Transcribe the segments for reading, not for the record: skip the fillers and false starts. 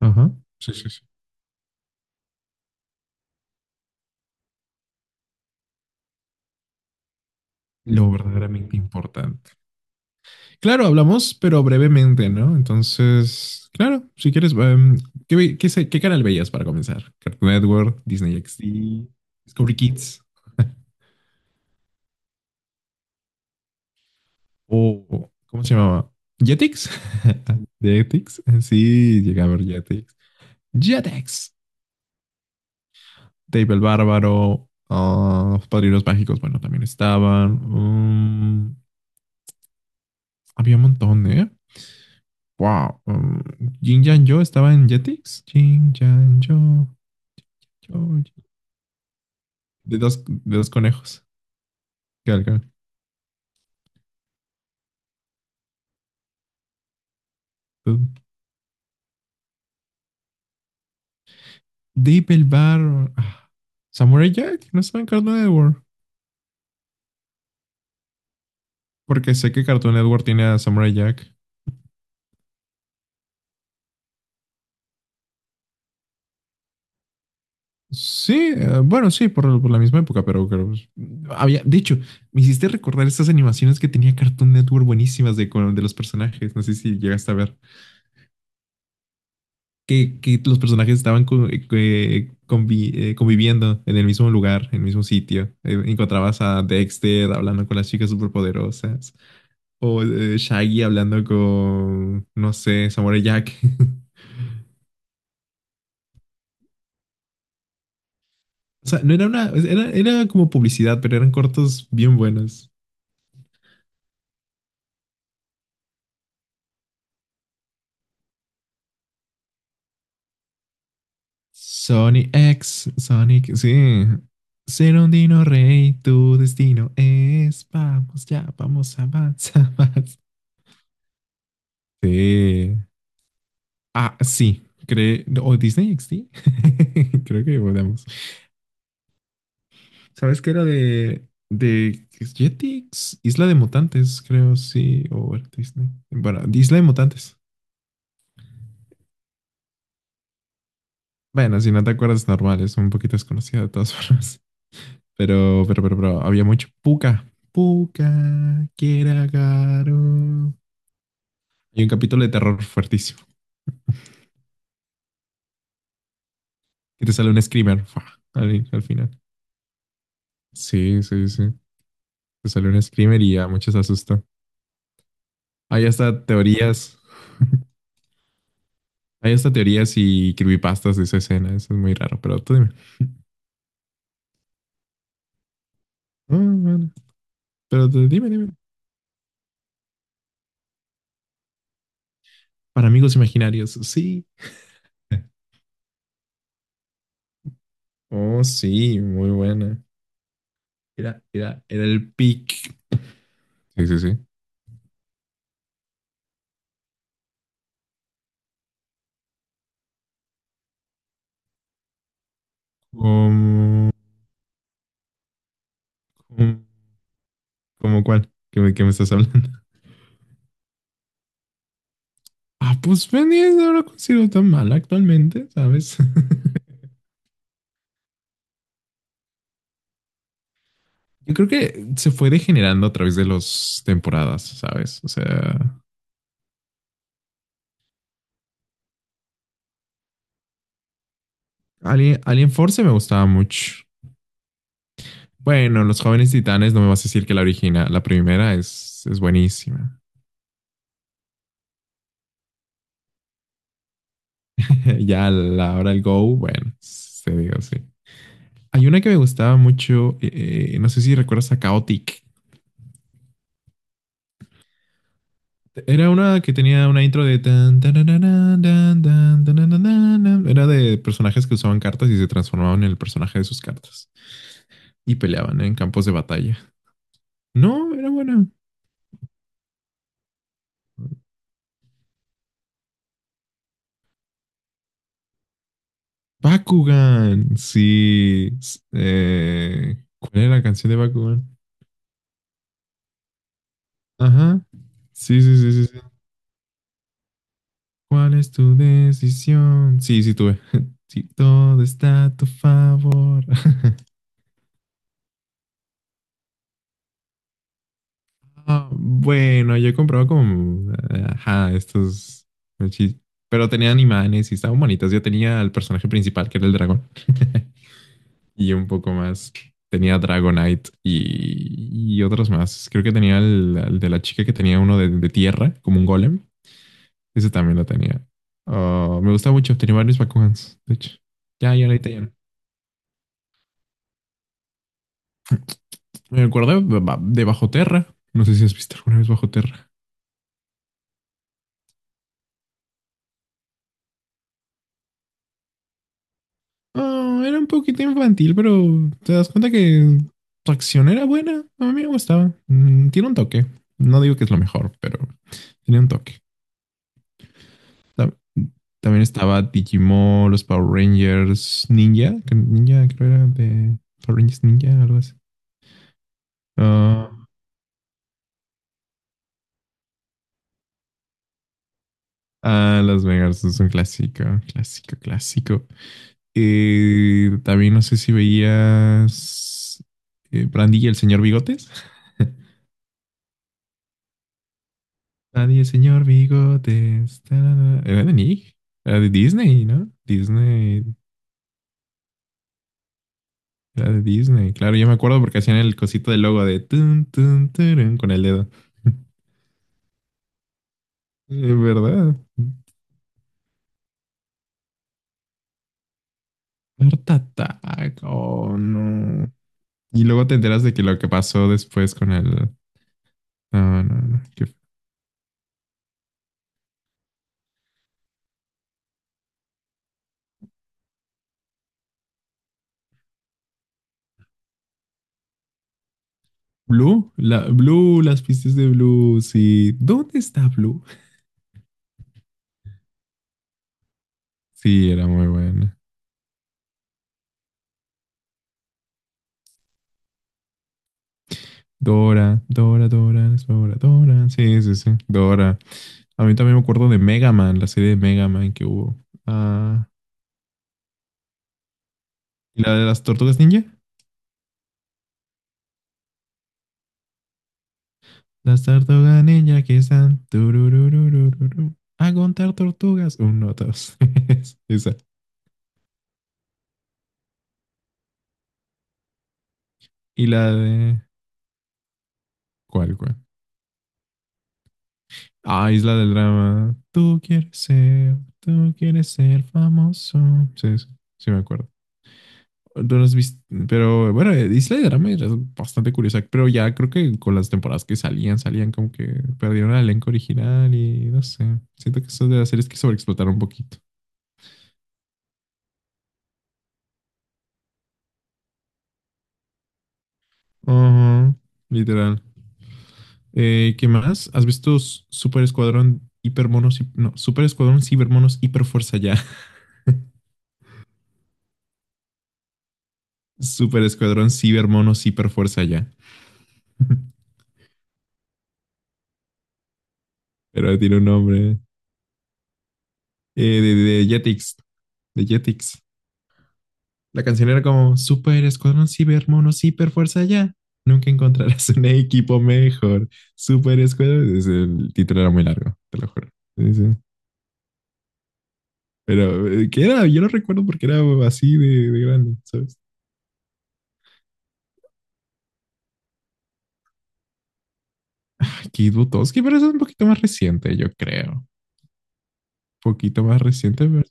Ajá. Sí, sí, sí. Lo verdaderamente importante. Claro, hablamos, pero brevemente, ¿no? Entonces, claro, si quieres, ¿qué, qué canal veías para comenzar? Cartoon Network, Disney XD, Discovery Kids ¿cómo se llamaba? Jetix. Jetix. Sí, llegué a ver Jetix. Jetix. Dave el Bárbaro. Padrinos Mágicos, bueno, también estaban. mm, había un montón, ¿eh? Wow. Yin Yang Yo estaba en Jetix. Yin Yang Yo. yo, yo. De dos conejos. Que alcan- Deep el bar. Ah, Samurai Jack. No estaba en Cartoon Network. Porque sé que Cartoon Network tiene a Samurai Jack. Sí, bueno, sí, por la misma época, pero, creo pues, había. De hecho, me hiciste recordar estas animaciones que tenía Cartoon Network buenísimas de los personajes. No sé si llegaste a ver. Que los personajes estaban conviviendo en el mismo lugar, en el mismo sitio. Encontrabas a Dexter hablando con las chicas superpoderosas, o Shaggy hablando con, no sé, Samurai Jack. O sea, no era una, era, era como publicidad, pero eran cortos bien buenos. Sonic X, Sonic, sí. Ser un dino rey, tu destino es. Vamos, ya, vamos, avanza, avanza. Sí. Ah, sí, creo, o Disney XD, creo que podemos. ¿Sabes qué era de Jetix? Isla de Mutantes, creo, sí, o era Disney. Bueno, Isla de Mutantes. Bueno, si no te acuerdas, normal, es un poquito desconocida de todas formas. Pero había mucho. Puka, Puka, Kiragaro. Y un capítulo de terror fuertísimo, que te sale un screamer, fa, al final. Sí, sí, sí, te sale un screamer y a muchos asustó. Hay hasta teorías. Hay hasta teorías y creepypastas de esa escena. Eso es muy raro, pero tú dime. Ah, bueno. Pero tú dime, dime. Para amigos imaginarios, sí. Oh, sí, muy buena. Era el pic. Sí, sí, sí. ¿Cómo, cómo, ¿Cómo cuál? ¿Qué me estás hablando? Ah, pues Pendiente no lo considero tan mal actualmente, ¿sabes? Yo creo que se fue degenerando a través de las temporadas, ¿sabes? O sea, Alien, Alien Force me gustaba mucho. Bueno, Los Jóvenes Titanes, no me vas a decir que la original, la primera es buenísima. Ya a la hora del Go, bueno, se digo, sí. Hay una que me gustaba mucho, no sé si recuerdas a Chaotic. Era una que tenía una intro de tan, tarararán, dan, dan, tarararán. Era de personajes que usaban cartas y se transformaban en el personaje de sus cartas y peleaban en campos de batalla. No, era buena. Bakugan, sí. ¿Cuál era la canción de Bakugan? Ajá. Sí, sí, sí, sí, sí. ¿Cuál es tu decisión? Sí, sí, tuve. Sí, todo está a tu favor. Ah, bueno, yo he comprado como, ajá, estos, mochi- pero tenían imanes y estaban bonitas. Yo tenía al personaje principal, que era el dragón, y un poco más. Tenía Dragonite y otros más. Creo que tenía al de la chica que tenía uno de tierra, como un golem. Ese también lo tenía. Ah, me gusta mucho. Tenía varios Bakugans, de hecho. Ya, ahorita ya. No. Me acuerdo de Bajo Terra. No sé si has visto alguna vez Bajo Terra. Ah, era un poquito infantil, pero te das cuenta que su acción era buena. A mí me gustaba. Mm, tiene un toque. No digo que es lo mejor, pero tiene un toque. Ta- También estaba Digimon, los Power Rangers, Ninja. Que Ninja creo era de Power Rangers Ninja, algo así. Ah, ah, los Megas es un clásico, clásico, clásico. También no sé si veías Brandy y el señor Bigotes. Brandy y el señor Bigotes. Tarara. Era de Nick. Era de Disney, ¿no? Disney. Era de Disney. Claro, yo me acuerdo porque hacían el cosito del logo de tun, tun, turun con el dedo. Es verdad. Art Attack. Oh, no. Y luego te enteras de que lo que pasó después con el. No, no, no. Qué Blue, la, Blue, las pistas de Blue, sí. ¿Dónde está Blue? Sí, era muy buena. Dora, Dora, Dora, Dora, Dora. Sí, sí, sí. Dora. A mí también me acuerdo de Mega Man, la serie de Mega Man que hubo. Ah, ¿y la de las tortugas ninja? Las tortugas ninja que están. Tururururururu, a contar tortugas. Uno, dos, tres. Esa. Y la de. ¿Cuál, cuál? Ah, Isla del Drama. Tú quieres ser famoso. Sí, sí, sí me acuerdo. No las viste, pero bueno, Isla del Drama era bastante curiosa, pero ya creo que con las temporadas salían como que perdieron el elenco original y no sé. Siento que eso de las series que sobreexplotaron un poquito. Ajá, literal. ¿Qué más? ¿Super Escuadrón Hipermonos? No, Super Escuadrón Cibermonos Hiperfuerza Ya. Super Escuadrón Cibermonos Hiperfuerza Ya. Pero tiene un nombre. De Jetix. De Jetix. La canción era como Super Escuadrón Ciber Mono Ciber Fuerza ya. Nunca encontrarás un equipo mejor. Super Escuadrón. El título era muy largo, te lo juro. Sí, sí. Pero, ¿qué era? Yo lo recuerdo porque era así de grande, ¿sabes? Ay, Kid Butowski, pero eso es un poquito más reciente, yo creo. Un poquito más reciente, pero.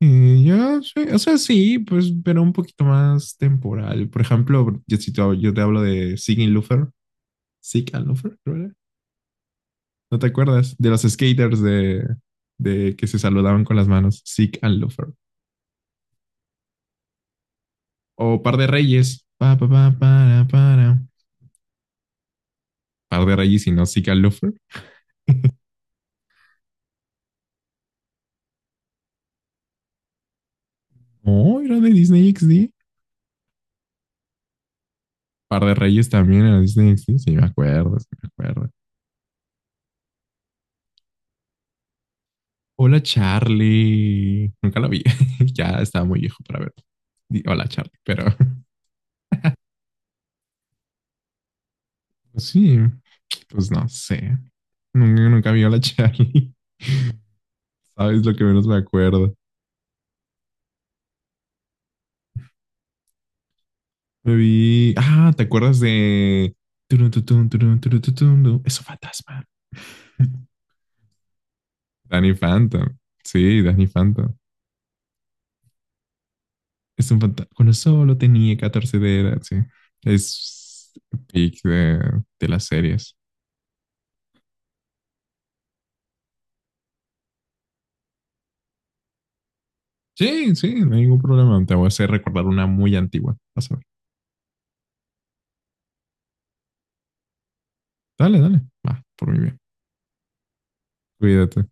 Ya, sí, o sea, sí, pues, pero un poquito más temporal. Por ejemplo, yo, si te, hab- yo te hablo de Sigin Luther, Zeke Alnofer, creo era. ¿No te acuerdas? De los skaters de que se saludaban con las manos. Zeke Alnofer. O Par de Reyes. Pa, pa, pa, para, para. Par de Reyes y no Zeke Alnofer. No, era de Disney XD. Par de Reyes también era de Disney XD. Sí, me acuerdo, sí, me acuerdo. Hola, Charlie. Nunca lo vi. Ya estaba muy viejo para verlo. Hola, Charlie. Pero sí, pues no sé. Nunca, nunca vi Hola, Charlie. ¿Sabes lo que menos me acuerdo? Me vi. Ah, ¿te acuerdas de. Turun, tutun, turun, turun, tutun, tu? Es un fantasma. Danny Phantom. Sí, Danny Phantom. Es un fantasma. Cuando solo tenía 14 de edad, sí. Es pick de las series. Sí, sí, no hay ningún problema. Te voy a hacer recordar una muy antigua. Vas a ver. Dale, dale. Va, por mi bien. Cuídate.